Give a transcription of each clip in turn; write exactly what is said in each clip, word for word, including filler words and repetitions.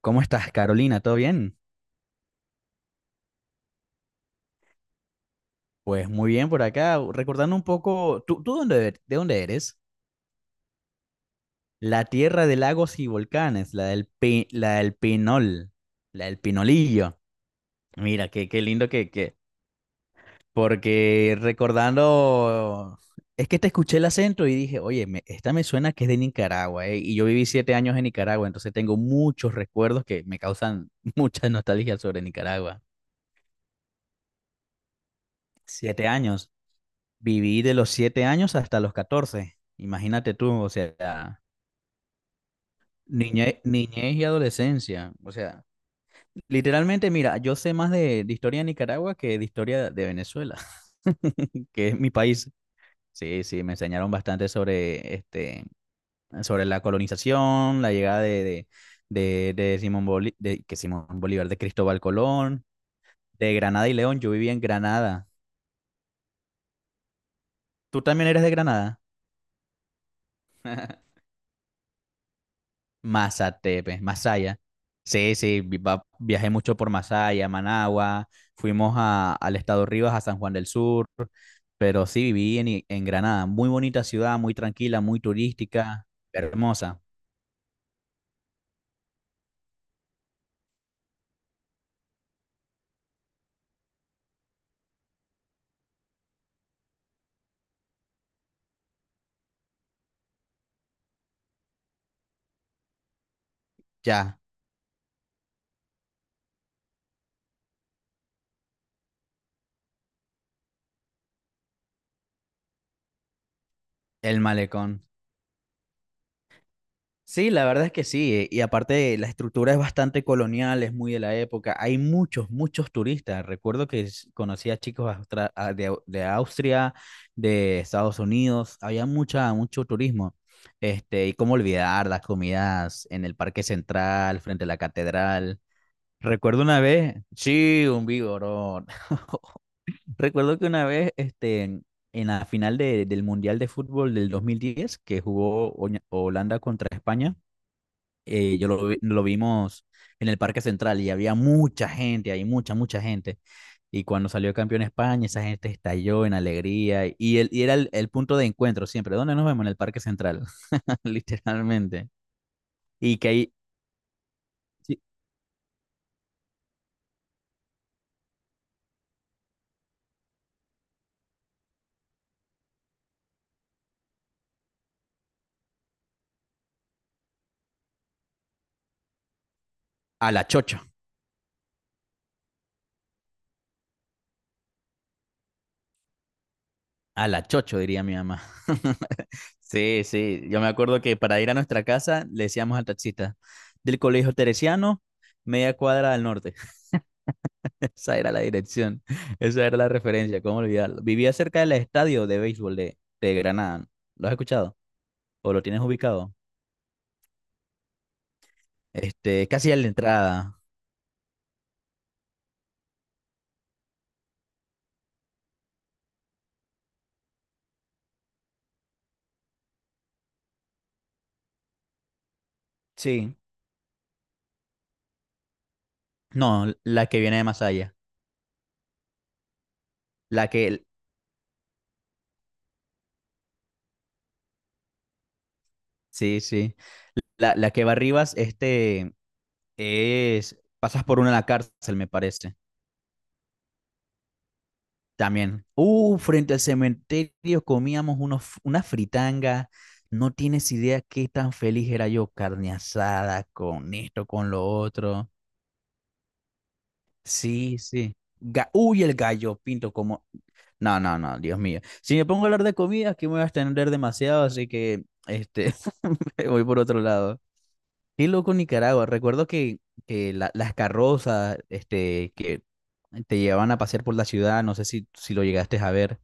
¿Cómo estás, Carolina? ¿Todo bien? Pues muy bien por acá. Recordando un poco, ¿tú, tú dónde, e- de dónde eres? La tierra de lagos y volcanes, la del, pi- la del Pinol, la del Pinolillo. Mira, qué, qué lindo que, que... Porque recordando, es que te escuché el acento y dije, oye, me- esta me suena que es de Nicaragua, ¿eh? Y yo viví siete años en Nicaragua, entonces tengo muchos recuerdos que me causan mucha nostalgia sobre Nicaragua. Siete años. Viví de los siete años hasta los catorce. Imagínate tú, o sea, niñe- niñez, y adolescencia. O sea, literalmente, mira, yo sé más de, de historia de Nicaragua que de historia de Venezuela, que es mi país. Sí, sí, me enseñaron bastante sobre, este, sobre la colonización, la llegada de, de, de, de Simón Bolí- de, que Simón Bolívar, de Cristóbal Colón, de Granada y León. Yo vivía en Granada. ¿Tú también eres de Granada? Mazatepe, Masaya. Sí, sí, vi- va- viajé mucho por Masaya, Managua, fuimos a- al estado Rivas, a San Juan del Sur, pero sí viví en, I- en Granada, muy bonita ciudad, muy tranquila, muy turística, hermosa. Ya, el malecón. Sí, la verdad es que sí, eh, y aparte la estructura es bastante colonial, es muy de la época, hay muchos, muchos turistas, recuerdo que s- conocí a chicos austra- a- de, Au- de Austria, de Estados Unidos, había mucha, mucho turismo, este, y cómo olvidar las comidas en el Parque Central, frente a la catedral, recuerdo una vez, sí, un vigorón, recuerdo que una vez, este, en en la final de- del Mundial de Fútbol del dos mil diez, que jugó Oña- Holanda contra España. Eh, yo lo, vi- lo vimos en el Parque Central y había mucha gente, hay mucha, mucha gente. Y cuando salió campeón España, esa gente estalló en alegría, y, el, y era el, el punto de encuentro siempre. ¿Dónde nos vemos? En el Parque Central, literalmente. Y que ahí, sí, a la chocho, a la chocho, diría mi mamá. Sí, sí, yo me acuerdo que para ir a nuestra casa le decíamos al taxista, del Colegio Teresiano, media cuadra al norte. Esa era la dirección, esa era la referencia, cómo olvidarlo. Vivía cerca del estadio de béisbol de, de Granada. ¿Lo has escuchado? ¿O lo tienes ubicado? Este, casi a la entrada. Sí. No, la que viene de Masaya. La que, sí, sí. La, la que va arriba, este, es, pasas por una a la cárcel, me parece. También. Uh, frente al cementerio comíamos unos, f- una fritanga. No tienes idea qué tan feliz era yo, carne asada, con esto, con lo otro. Sí, sí. Ga- Uy, el gallo pinto como... No, no, no, Dios mío. Si me pongo a hablar de comida, aquí me voy a extender demasiado, así que este, me voy por otro lado. Qué loco Nicaragua. Recuerdo que, que la- las carrozas, este, que te llevaban a pasear por la ciudad, no sé si, si lo llegaste a ver.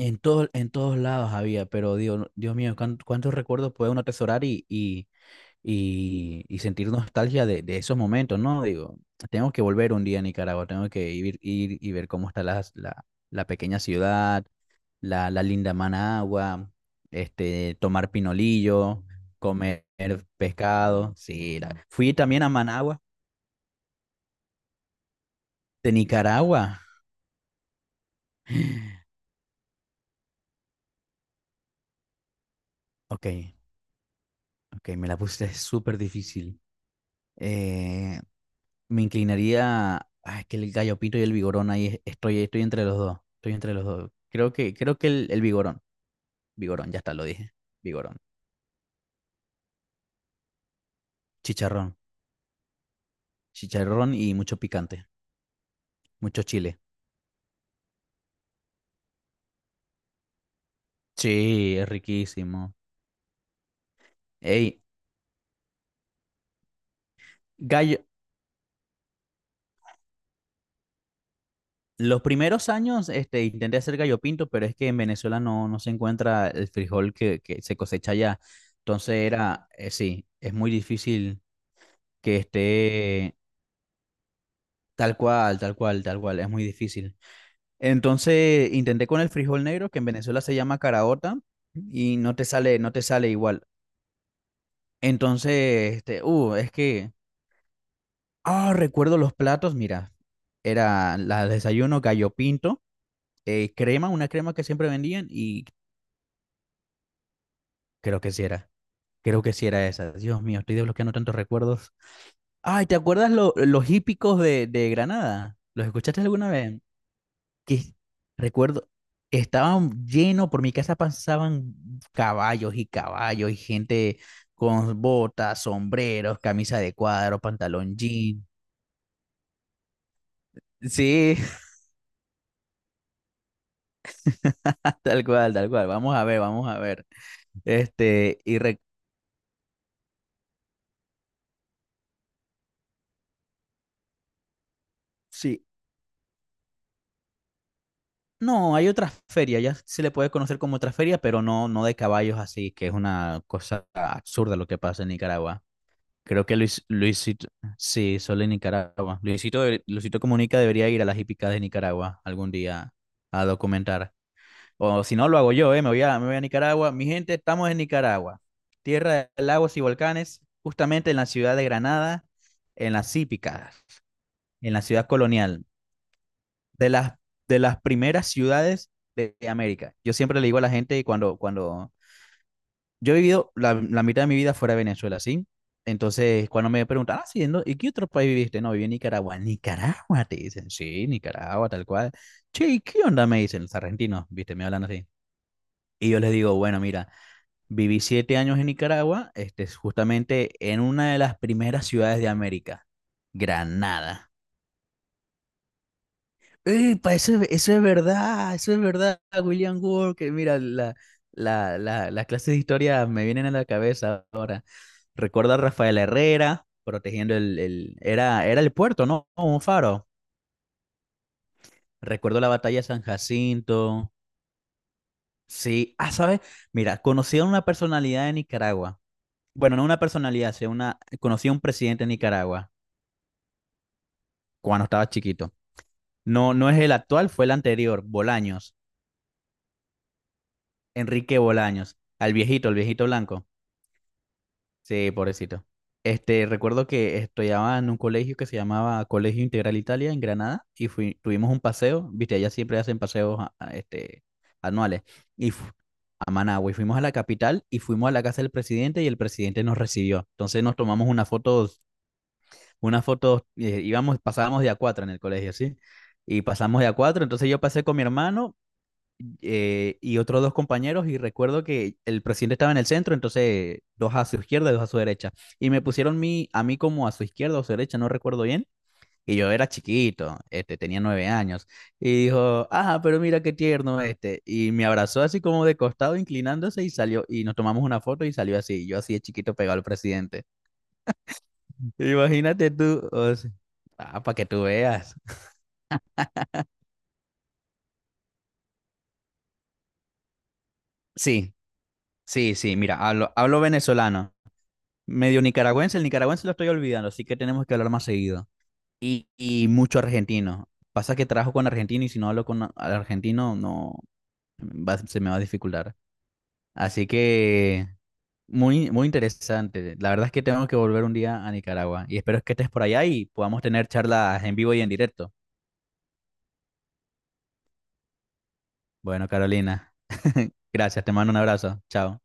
En todo, en todos lados había, pero Dios, Dios mío, cuán- cuántos recuerdos puede uno atesorar y, y, y, y sentir nostalgia de, de esos momentos, ¿no? Digo, tengo que volver un día a Nicaragua, tengo que ir, ir y ver cómo está la, la, la pequeña ciudad, la, la linda Managua, este, tomar pinolillo, comer pescado. Sí, la- fui también a Managua, de Nicaragua. Ok, ok, me la puse súper difícil. Eh, Me inclinaría. Ah, es que el gallopito y el vigorón ahí es- estoy, estoy entre los dos. Estoy entre los dos. Creo que, creo que el, el vigorón. Vigorón, ya está, lo dije. Vigorón. Chicharrón. Chicharrón y mucho picante. Mucho chile. Sí, es riquísimo. Ey, gallo. Los primeros años, este, intenté hacer gallo pinto, pero es que en Venezuela no, no se encuentra el frijol que, que se cosecha allá. Entonces era, eh, sí, es muy difícil que esté tal cual, tal cual, tal cual. Es muy difícil. Entonces intenté con el frijol negro, que en Venezuela se llama caraota, y no te sale, no te sale igual. Entonces, este, uh, es que, ah, recuerdo los platos, mira, era la desayuno gallo pinto, eh, crema, una crema que siempre vendían, y creo que sí era, creo que sí era esa. Dios mío, estoy desbloqueando tantos recuerdos. Ay, ¿te acuerdas lo- los hípicos de, de Granada? ¿Los escuchaste alguna vez? Que recuerdo, estaban llenos, por mi casa pasaban caballos y caballos y gente con botas, sombreros, camisa de cuadro, pantalón jean. Sí, tal cual, tal cual. Vamos a ver, vamos a ver. Este, y re- sí, no, hay otra feria, ya se le puede conocer como otra feria, pero no, no de caballos así, que es una cosa absurda lo que pasa en Nicaragua. Creo que Luis, Luisito, sí, solo en Nicaragua. Luisito, debe- Luisito Comunica debería ir a las hípicas de Nicaragua algún día a documentar. O si no, lo hago yo, ¿eh? Me voy a, me voy a Nicaragua. Mi gente, estamos en Nicaragua, tierra de lagos y volcanes, justamente en la ciudad de Granada, en las hípicas, en la ciudad colonial, de las, de las primeras ciudades de, de América. Yo siempre le digo a la gente cuando, cuando, yo he vivido la, la mitad de mi vida fuera de Venezuela, ¿sí? Entonces, cuando me preguntan, ah, sí, ¿en dó- ¿y qué otro país viviste? No, viví en Nicaragua. Nicaragua, te dicen, sí, Nicaragua, tal cual. Che, ¿y qué onda? Me dicen los argentinos, viste, me hablan así. Y yo les digo, bueno, mira, viví siete años en Nicaragua, este, justamente en una de las primeras ciudades de América, Granada. Eh, pa, eso es, eso es verdad, eso es verdad, William Walker. Mira, la, la, la, las clases de historia me vienen a la cabeza ahora. Recuerdo a Rafael Herrera protegiendo el, el- era, era el puerto, ¿no? Un faro. Recuerdo la batalla de San Jacinto. Sí, ah, ¿sabes? Mira, conocí a una personalidad de Nicaragua. Bueno, no una personalidad, sino una, conocí a un presidente de Nicaragua cuando estaba chiquito. No, no es el actual, fue el anterior, Bolaños, Enrique Bolaños, al viejito, el viejito blanco. Sí, pobrecito. Este, recuerdo que estudiaba en un colegio que se llamaba Colegio Integral Italia en Granada y fui- tuvimos un paseo, viste, allá siempre hacen paseos a- a- este, anuales. Y fu- a Managua y fuimos a la capital y fuimos a la casa del presidente y el presidente nos recibió. Entonces nos tomamos una foto, una foto, eh, íbamos, pasábamos de a cuatro en el colegio, ¿sí? Y pasamos de a cuatro, entonces yo pasé con mi hermano, eh, y otros dos compañeros, y recuerdo que el presidente estaba en el centro, entonces dos a su izquierda y dos a su derecha. Y me pusieron mi, a mí como a su izquierda o su derecha, no recuerdo bien. Y yo era chiquito, este, tenía nueve años. Y dijo, ah, pero mira qué tierno este. Y me abrazó así como de costado, inclinándose y salió. Y nos tomamos una foto y salió así. Yo así de chiquito pegado al presidente. Imagínate tú, o sea, ah, para que tú veas. Sí, sí, sí, mira, hablo, hablo venezolano. Medio nicaragüense, el nicaragüense lo estoy olvidando, así que tenemos que hablar más seguido. Y, y mucho argentino. Pasa que trabajo con argentino y si no hablo con a- al argentino, no va- se me va a dificultar. Así que muy, muy interesante. La verdad es que tengo que volver un día a Nicaragua y espero que estés por allá y podamos tener charlas en vivo y en directo. Bueno, Carolina, gracias, te mando un abrazo. Chao.